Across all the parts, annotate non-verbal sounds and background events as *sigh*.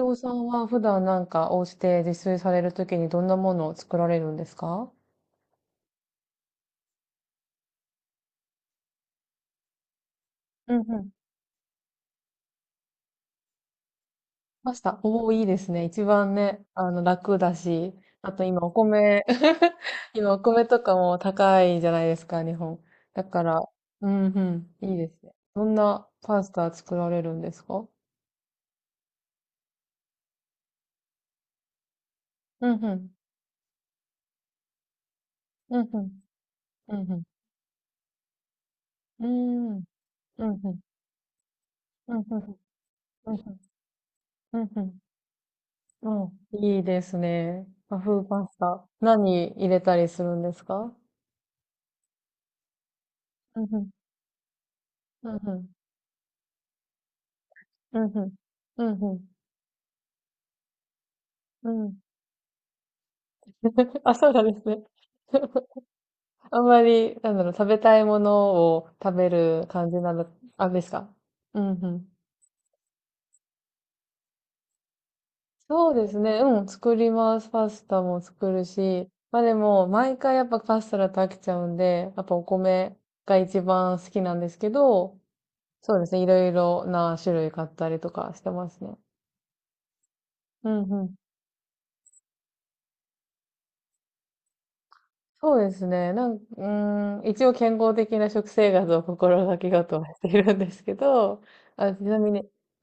伊藤さんは普段なんかお家で自炊されるときにどんなものを作られるんですか？うんうん。パスタ。おお、いいですね。一番ね、楽だし、あと今お米 *laughs* 今お米とかも高いじゃないですか、日本。だから、うんうん、いいですね。どんなパスタ作られるんですか？うんうん、うんうん、うんうん、うーん、うんうん、うんうん、うんうん、うんうん。うん、いいですね。和風パスタ。何入れたりするんですか？うんうん、うんうん、うんうん、うんうん、*laughs* うん。*laughs* あ、そうなんですね。*laughs* あんまり、なんだろう、食べたいものを食べる感じなの、あ、ですか？うんうん。そうですね。うん、作ります。パスタも作るし。まあでも、毎回やっぱパスタだと飽きちゃうんで、やっぱお米が一番好きなんですけど、そうですね。いろいろな種類買ったりとかしてますね。うんうん。そうですね。なん、うーん、一応健康的な食生活を心がけようとはしているんですけど、*laughs* あ、ちなみに、*laughs*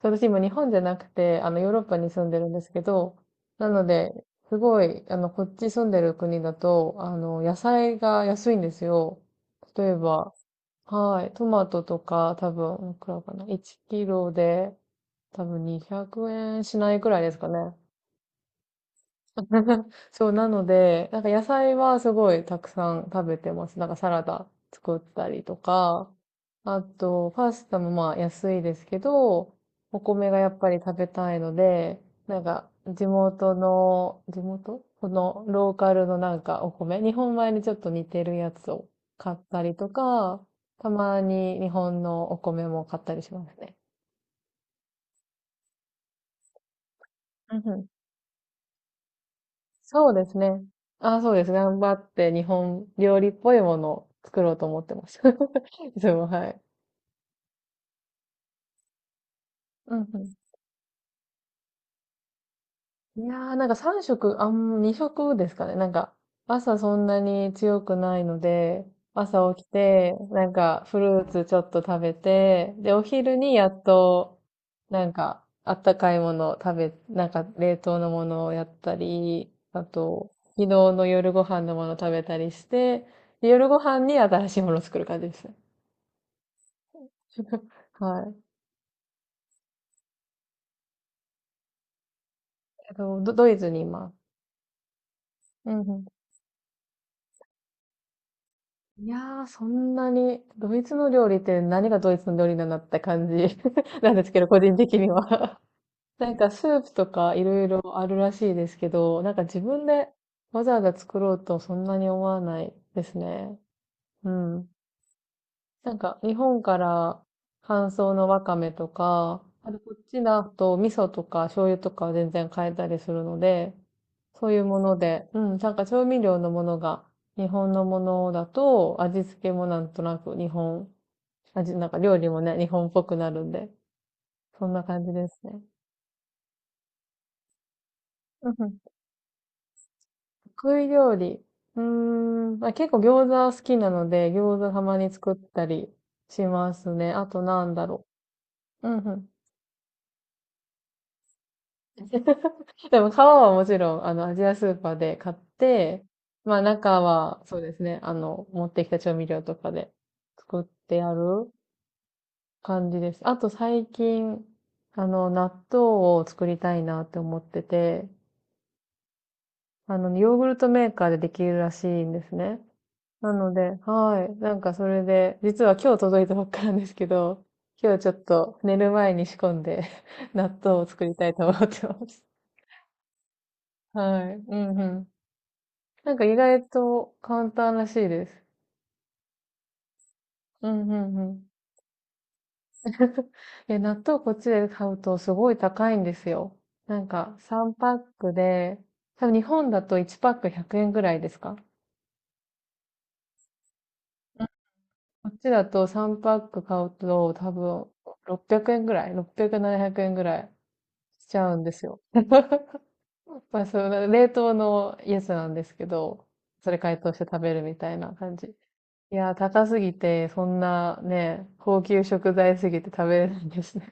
私今日本じゃなくて、ヨーロッパに住んでるんですけど、なので、すごい、こっち住んでる国だと、野菜が安いんですよ。例えば、はい、トマトとか、多分、いくらかな、1キロで、多分200円しないくらいですかね。*laughs* そう、なので、なんか野菜はすごいたくさん食べてます。なんかサラダ作ったりとか、あと、パスタもまあ安いですけど、お米がやっぱり食べたいので、なんか地元このローカルのなんかお米、日本米にちょっと似てるやつを買ったりとか、たまに日本のお米も買ったりしますね。そうですね。あ、そうです。頑張って日本料理っぽいものを作ろうと思ってます。*laughs* いつも、はい。うんうん。いやー、なんか3食、2食ですかね。なんか、朝そんなに強くないので、朝起きて、なんか、フルーツちょっと食べて、で、お昼にやっと、なんか、あったかいものを食べ、なんか、冷凍のものをやったり、あと、昨日の夜ご飯のものを食べたりして、で夜ご飯に新しいものを作る感じですね。*laughs* はい。ドイツにいます。うんうん。いやー、そんなに、ドイツの料理って何がドイツの料理なんだって感じ *laughs* なんですけど、個人的には *laughs* なんかスープとかいろいろあるらしいですけど、なんか自分でわざわざ作ろうとそんなに思わないですね。うん。なんか、日本から乾燥のわかめとか、あとこっちだと味噌とか醤油とかは全然買えたりするので、そういうもので、うん、なんか調味料のものが、日本のものだと、味付けもなんとなく日本、味、なんか料理もね、日本っぽくなるんで、そんな感じですね。うんうん。得意料理。うーん、まあ、結構餃子好きなので、餃子たまに作ったりしますね。あとなんだろう。うんうん。*laughs* *laughs* でも皮はもちろん、アジアスーパーで買って、まあ中は、そうですね、持ってきた調味料とかで作ってある感じです。あと最近、納豆を作りたいなって思ってて、ヨーグルトメーカーでできるらしいんですね。なので、はい。なんかそれで、実は今日届いたばっかなんですけど、今日ちょっと寝る前に仕込んで *laughs* 納豆を作りたいと思ってます。はい。うんうん。なんか意外と簡単らしいです。うんうんうん。*laughs* いや、納豆こっちで買うとすごい高いんですよ。なんか3パックで、多分日本だと1パック100円ぐらいですか？うん。こっちだと3パック買うと多分600円ぐらい？ 600、700円ぐらいしちゃうんですよ。*laughs* まあ、その冷凍のやつなんですけど、それ解凍して食べるみたいな感じ。いやー、高すぎて、そんなね、高級食材すぎて食べれないんですね。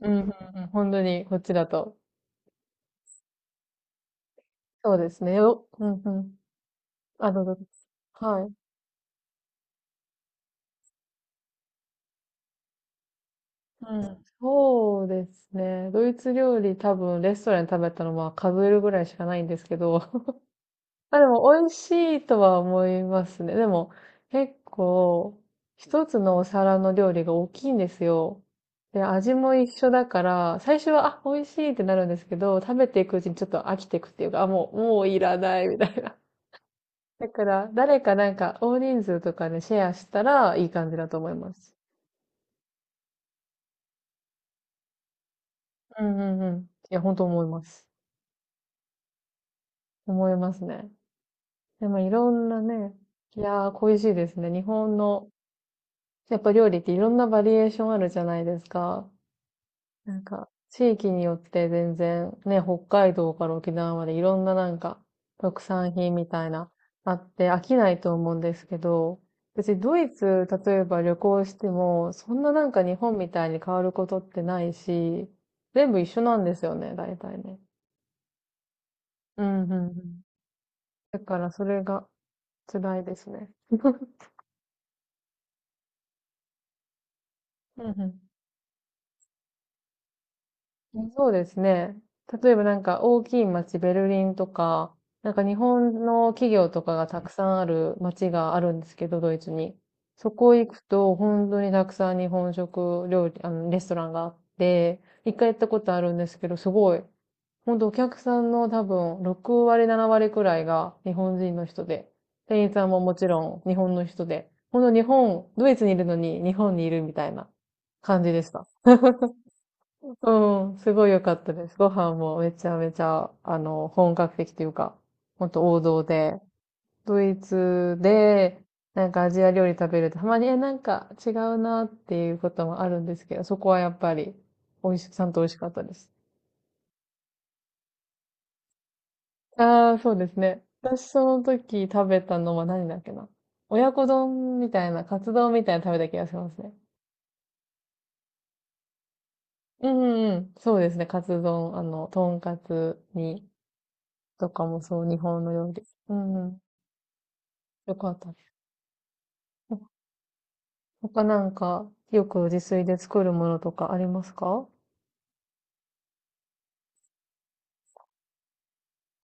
うん、うん、うん、本当に、こっちだと。そうですね。うん、うん。あ、どうぞ。はい。うん。そうですね。ドイツ料理多分レストランで食べたのは数えるぐらいしかないんですけど、あ、でも美味しいとは思いますね。でも結構一つのお皿の料理が大きいんですよ。で、味も一緒だから、最初は、あ、美味しいってなるんですけど、食べていくうちにちょっと飽きていくっていうか、あ、もう、もういらないみたいな。*laughs* だから、誰かなんか大人数とかでシェアしたらいい感じだと思います。うんうんうん。いや、本当思います。思いますね。でもいろんなね、いやー、恋しいですね。日本のやっぱ料理っていろんなバリエーションあるじゃないですか。なんか、地域によって全然、ね、北海道から沖縄までいろんななんか、特産品みたいな、あって飽きないと思うんですけど、別にドイツ、例えば旅行しても、そんななんか日本みたいに変わることってないし、全部一緒なんですよね、大体ね。うんうんうん。だからそれが辛いですね。*laughs* うんうんうん。そうですね。例えばなんか大きい街、ベルリンとか、なんか日本の企業とかがたくさんある街があるんですけど、ドイツに。そこ行くと、本当にたくさん日本食料理、レストランがあって、一回行ったことあるんですけど、すごい。本当お客さんの多分6割、7割くらいが日本人の人で、店員さんももちろん日本の人で、本当日本、ドイツにいるのに日本にいるみたいな感じでした。うん、すごい良かったです。ご飯もめちゃめちゃ、本格的というか、ほんと王道で、ドイツで、なんかアジア料理食べると、たまに、え、なんか違うなっていうこともあるんですけど、そこはやっぱり、美味し、ちゃんと美味しかったです。ああ、そうですね。私その時食べたのは何だっけな。親子丼みたいな、カツ丼みたいなの食べた気がしますね。うんうんうん。そうですね。カツ丼、とんかつ煮とかもそう、日本の料理。うんうん。よかった。お他なんか、よく自炊で作るものとかありますか？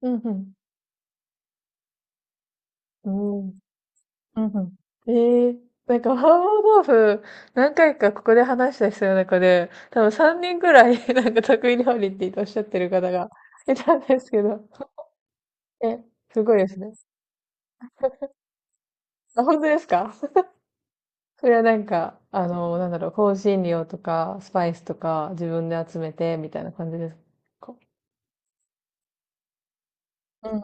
うんうん。うん。うんうん。ええー、なんか、麻婆豆腐、何回かここで話した人の中で、多分3人くらい、*laughs* なんか得意料理っておっしゃってる方がいたんですけど。え、すごいですね。あ、本当ですか？それはなんか、なんだろう、香辛料とか、スパイスとか、自分で集めて、みたいな感じですか？うん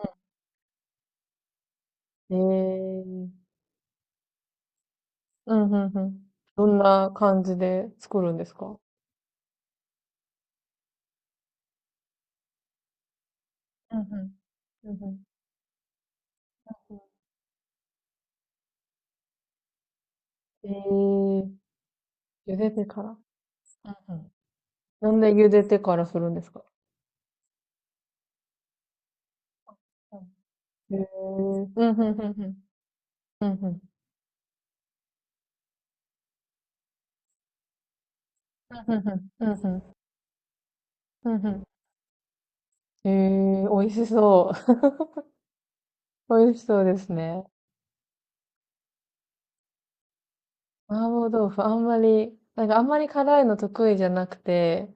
うん。ええ。うん、うん、うん。どんな感じで作るんですか？うんうんうん、うん。えー、茹でてから。うんうん。なんで茹でてからするんですか？うん。うん、うん、うん、うん。うんうんうんうんうんうんうん。美味しそう。*laughs* 美味しそうですね。麻婆豆腐、あんまり、なんかあんまり辛いの得意じゃなくて、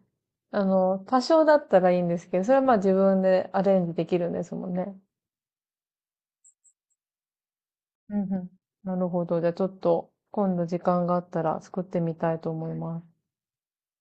多少だったらいいんですけど、それはまあ自分でアレンジできるんですもんね。うんうん。なるほど。じゃあちょっと今度時間があったら作ってみたいと思います。